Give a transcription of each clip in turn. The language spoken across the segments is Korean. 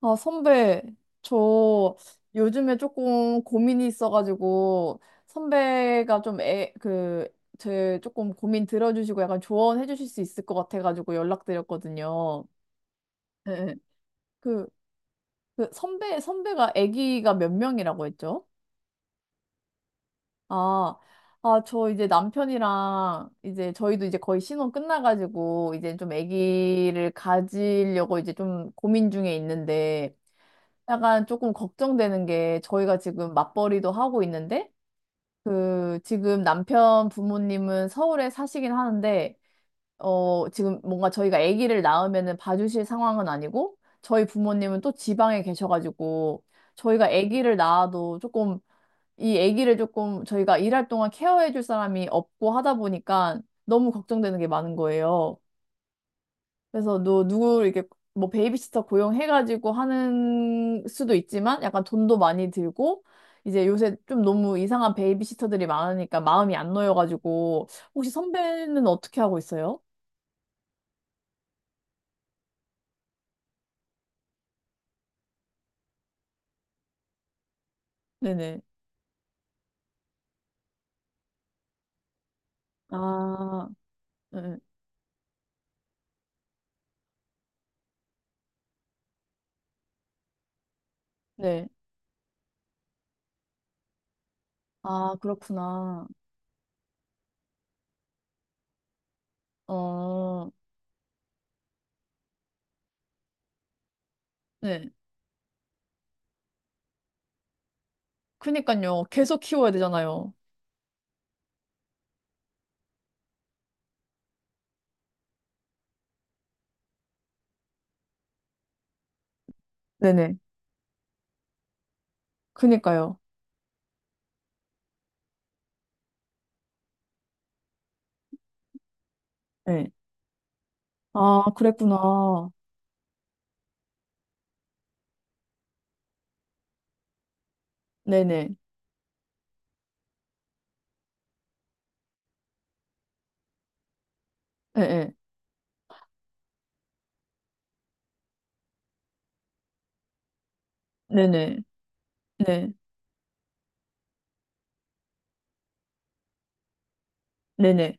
아, 선배, 저 요즘에 조금 고민이 있어가지고, 선배가 좀 제 조금 고민 들어주시고 약간 조언해 주실 수 있을 것 같아가지고 연락드렸거든요. 네, 네. 그, 그 선배가 아기가 몇 명이라고 했죠? 아, 아, 저 이제 남편이랑 이제 저희도 이제 거의 신혼 끝나가지고 이제 좀 아기를 가지려고 이제 좀 고민 중에 있는데, 약간 조금 걱정되는 게 저희가 지금 맞벌이도 하고 있는데 그 지금 남편 부모님은 서울에 사시긴 하는데 어 지금 뭔가 저희가 아기를 낳으면은 봐주실 상황은 아니고 저희 부모님은 또 지방에 계셔가지고 저희가 아기를 낳아도 조금 이 아기를 조금 저희가 일할 동안 케어해줄 사람이 없고 하다 보니까 너무 걱정되는 게 많은 거예요. 그래서 누구 이렇게 뭐 베이비시터 고용해가지고 하는 수도 있지만 약간 돈도 많이 들고 이제 요새 좀 너무 이상한 베이비시터들이 많으니까 마음이 안 놓여가지고 혹시 선배는 어떻게 하고 있어요? 네네. 아, 네. 네. 아, 그렇구나. 어, 네. 그니까요. 계속 키워야 되잖아요. 네네. 그니까요. 네. 아, 그랬구나. 네네. 네, 네. 네네. 네네. 네. 네네.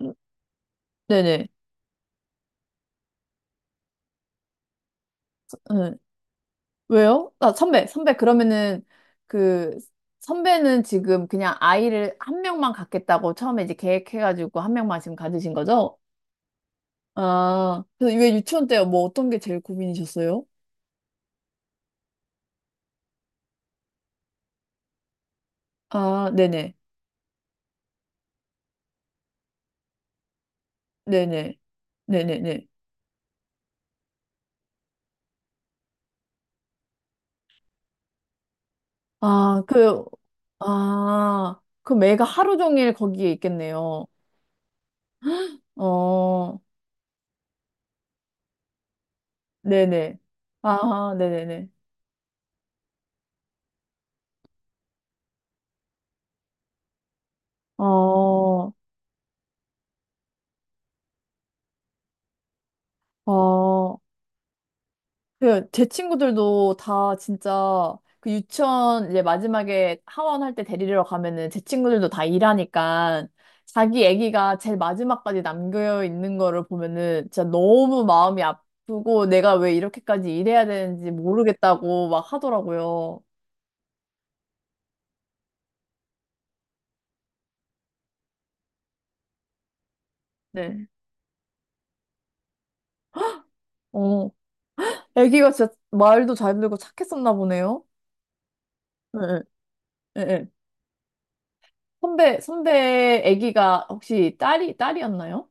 음, 네네. 네. 왜요? 아, 선배, 그러면은 그 선배는 지금 그냥 아이를 한 명만 갖겠다고 처음에 이제 계획해가지고 한 명만 지금 가지신 거죠? 아, 그래서 왜 유치원 때요? 뭐 어떤 게 제일 고민이셨어요? 아, 네네. 네네. 네네네. 아, 그, 아, 그럼 애가 하루 종일 거기에 있겠네요. 어, 네네. 아, 네네네. 어, 어. 그, 제 친구들도 다 진짜 그 유치원 이제 마지막에 하원 할 때 데리러 가면은 제 친구들도 다 일하니까 자기 애기가 제일 마지막까지 남겨 있는 거를 보면은 진짜 너무 마음이 아프고 내가 왜 이렇게까지 일해야 되는지 모르겠다고 막 하더라고요. 네. 어, 애기가 진짜 말도 잘 들고 착했었나 보네요. 네, 네, 네. 선배 애기가 혹시 딸이었나요?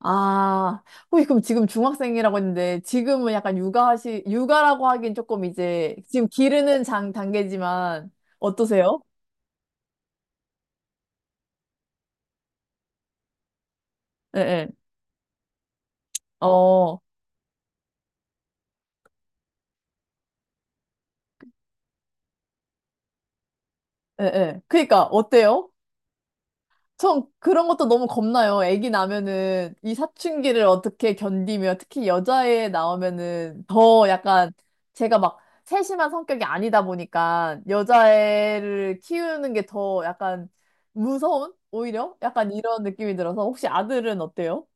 아, 혹시 그럼 지금 중학생이라고 했는데, 지금은 약간 육아라고 하긴 조금 이제, 지금 기르는 단계지만, 어떠세요? 예, 예. 어, 예, 예. 그니까, 어때요? 전 그런 것도 너무 겁나요. 아기 나면은 이 사춘기를 어떻게 견디며 특히 여자애 나오면은 더 약간 제가 막 세심한 성격이 아니다 보니까 여자애를 키우는 게 더 약간 무서운? 오히려? 약간 이런 느낌이 들어서 혹시 아들은 어때요?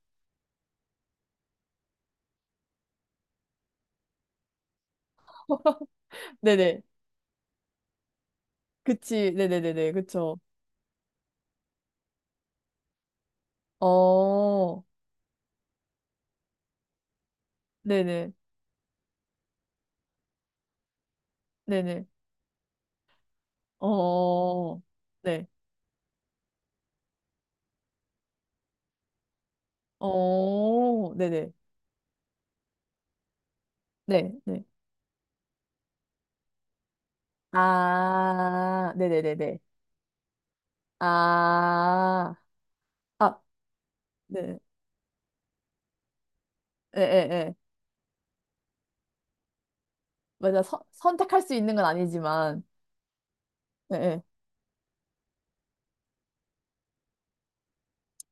네네. 그치. 네네네네. 그쵸. 어, 네네. 네네. 어, 네. 어, 네네. 네. 네. 아, 네네네네. 아, 아, 네. 예, 예, 예. 맞아. 선택할 수 있는 건 아니지만. 예, 예.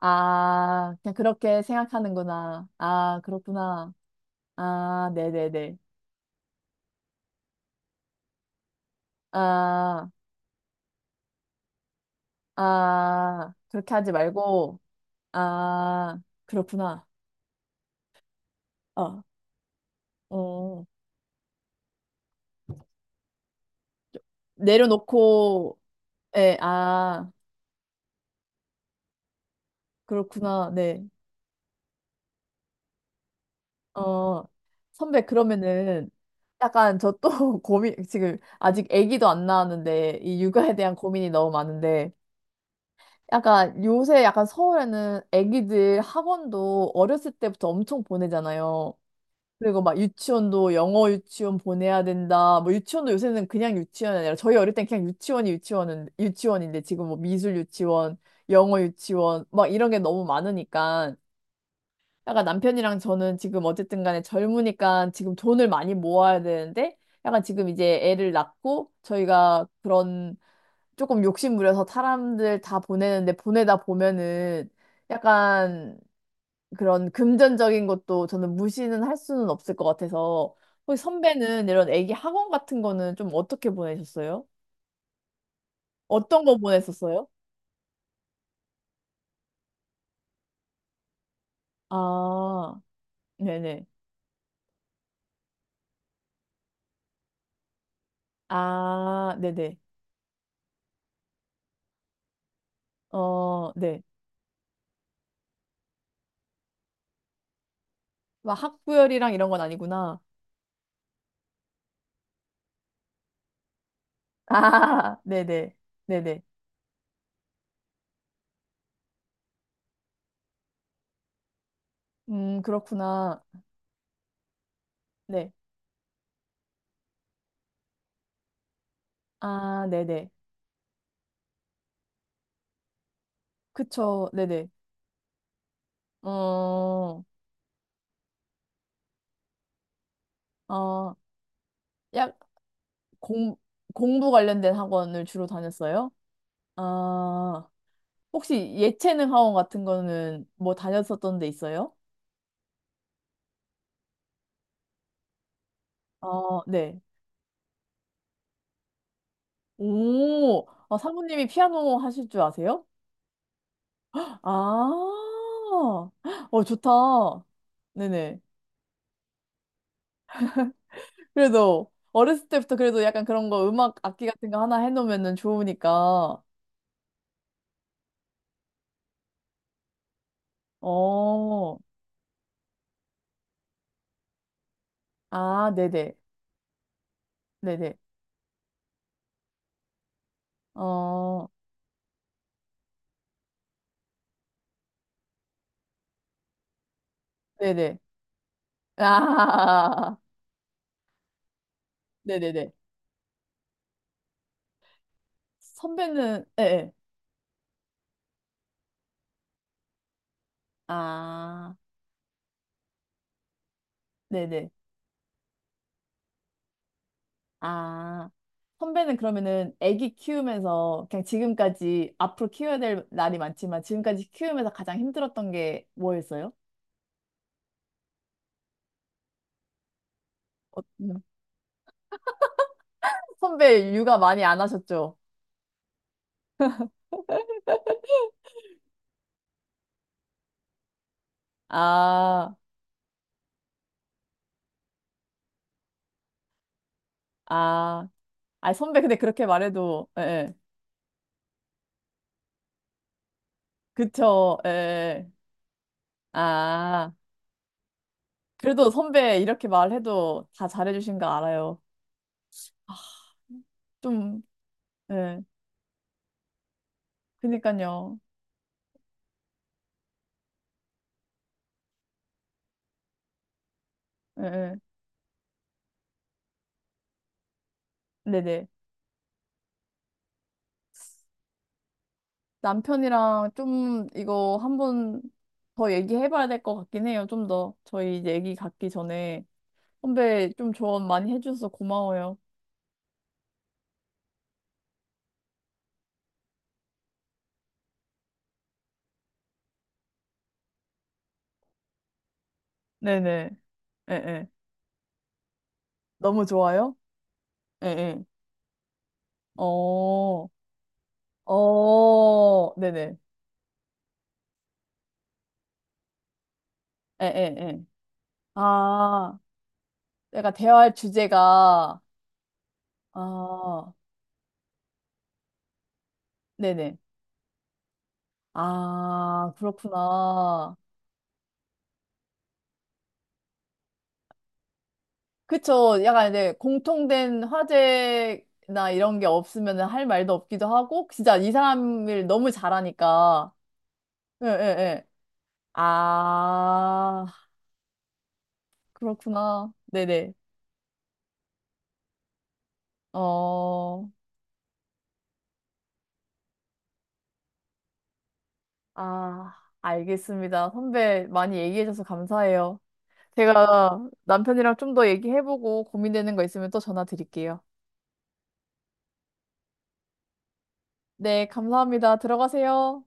아, 그냥 그렇게 생각하는구나. 아, 그렇구나. 아, 네네네. 아, 아, 그렇게 하지 말고. 아, 그렇구나. 아, 어, 내려놓고, 예, 아, 그렇구나. 네. 어, 선배, 그러면은 약간 저 또 고민, 지금 아직 아기도 안 낳았는데 이 육아에 대한 고민이 너무 많은데 약간 요새 약간 서울에는 아기들 학원도 어렸을 때부터 엄청 보내잖아요. 그리고 막 유치원도 영어 유치원 보내야 된다. 뭐 유치원도 요새는 그냥 유치원이 아니라 저희 어릴 땐 그냥 유치원이 유치원은 유치원인데 지금 뭐 미술 유치원, 영어 유치원 막 이런 게 너무 많으니까 약간 남편이랑 저는 지금 어쨌든 간에 젊으니까 지금 돈을 많이 모아야 되는데 약간 지금 이제 애를 낳고 저희가 그런 조금 욕심부려서 사람들 다 보내는데 보내다 보면은 약간 그런 금전적인 것도 저는 무시는 할 수는 없을 것 같아서 혹시 선배는 이런 애기 학원 같은 거는 좀 어떻게 보내셨어요? 어떤 거 보냈었어요? 아, 네네. 아, 네네. 어, 네. 막 학부열이랑 이런 건 아니구나. 아, 네네. 네네. 그렇구나. 네. 아, 네네. 그쵸. 네네. 어, 어, 약, 공, 공부 관련된 학원을 주로 다녔어요? 아, 혹시 예체능 학원 같은 거는 뭐 다녔었던 데 있어요? 어, 네. 오, 아, 사모님이 피아노 하실 줄 아세요? 아, 어, 좋다. 네네. 그래도 어렸을 때부터 그래도 약간 그런 거 음악 악기 같은 거 하나 해놓으면은 좋으니까. 어, 아, 네네. 네네. 어, 네네. 아, 네네네. 예, 예. 아, 네네. 아, 선배는 그러면은 애기 키우면서 그냥 지금까지 앞으로 키워야 될 날이 많지만 지금까지 키우면서 가장 힘들었던 게 뭐였어요? 어, 선배 육아 많이 안 하셨죠? 아, 아. 아, 선배, 근데 그렇게 말해도, 예, 예. 그쵸, 예, 예. 아, 그래도 선배 이렇게 말해도 다 잘해주신 거 알아요. 좀, 예, 그니까요. 예, 예. 네네. 남편이랑 좀 이거 한번 더 얘기해봐야 될 것 같긴 해요. 좀 더. 저희 이제 얘기 갖기 전에. 선배 좀 조언 많이 해주셔서 고마워요. 네네. 예, 예. 너무 좋아요? 예, 예. 어, 어, 네네. 예, 예, 예. 아, 내가 대화할 주제가, 아, 네네. 아, 그렇구나. 그쵸. 약간 이제 공통된 화제나 이런 게 없으면 할 말도 없기도 하고, 진짜 이 사람을 너무 잘하니까. 예, 예, 예. 아, 그렇구나. 네네. 어, 아, 알겠습니다. 선배 많이 얘기해줘서 감사해요. 제가 남편이랑 좀 더 얘기해보고 고민되는 거 있으면 또 전화 드릴게요. 네, 감사합니다. 들어가세요.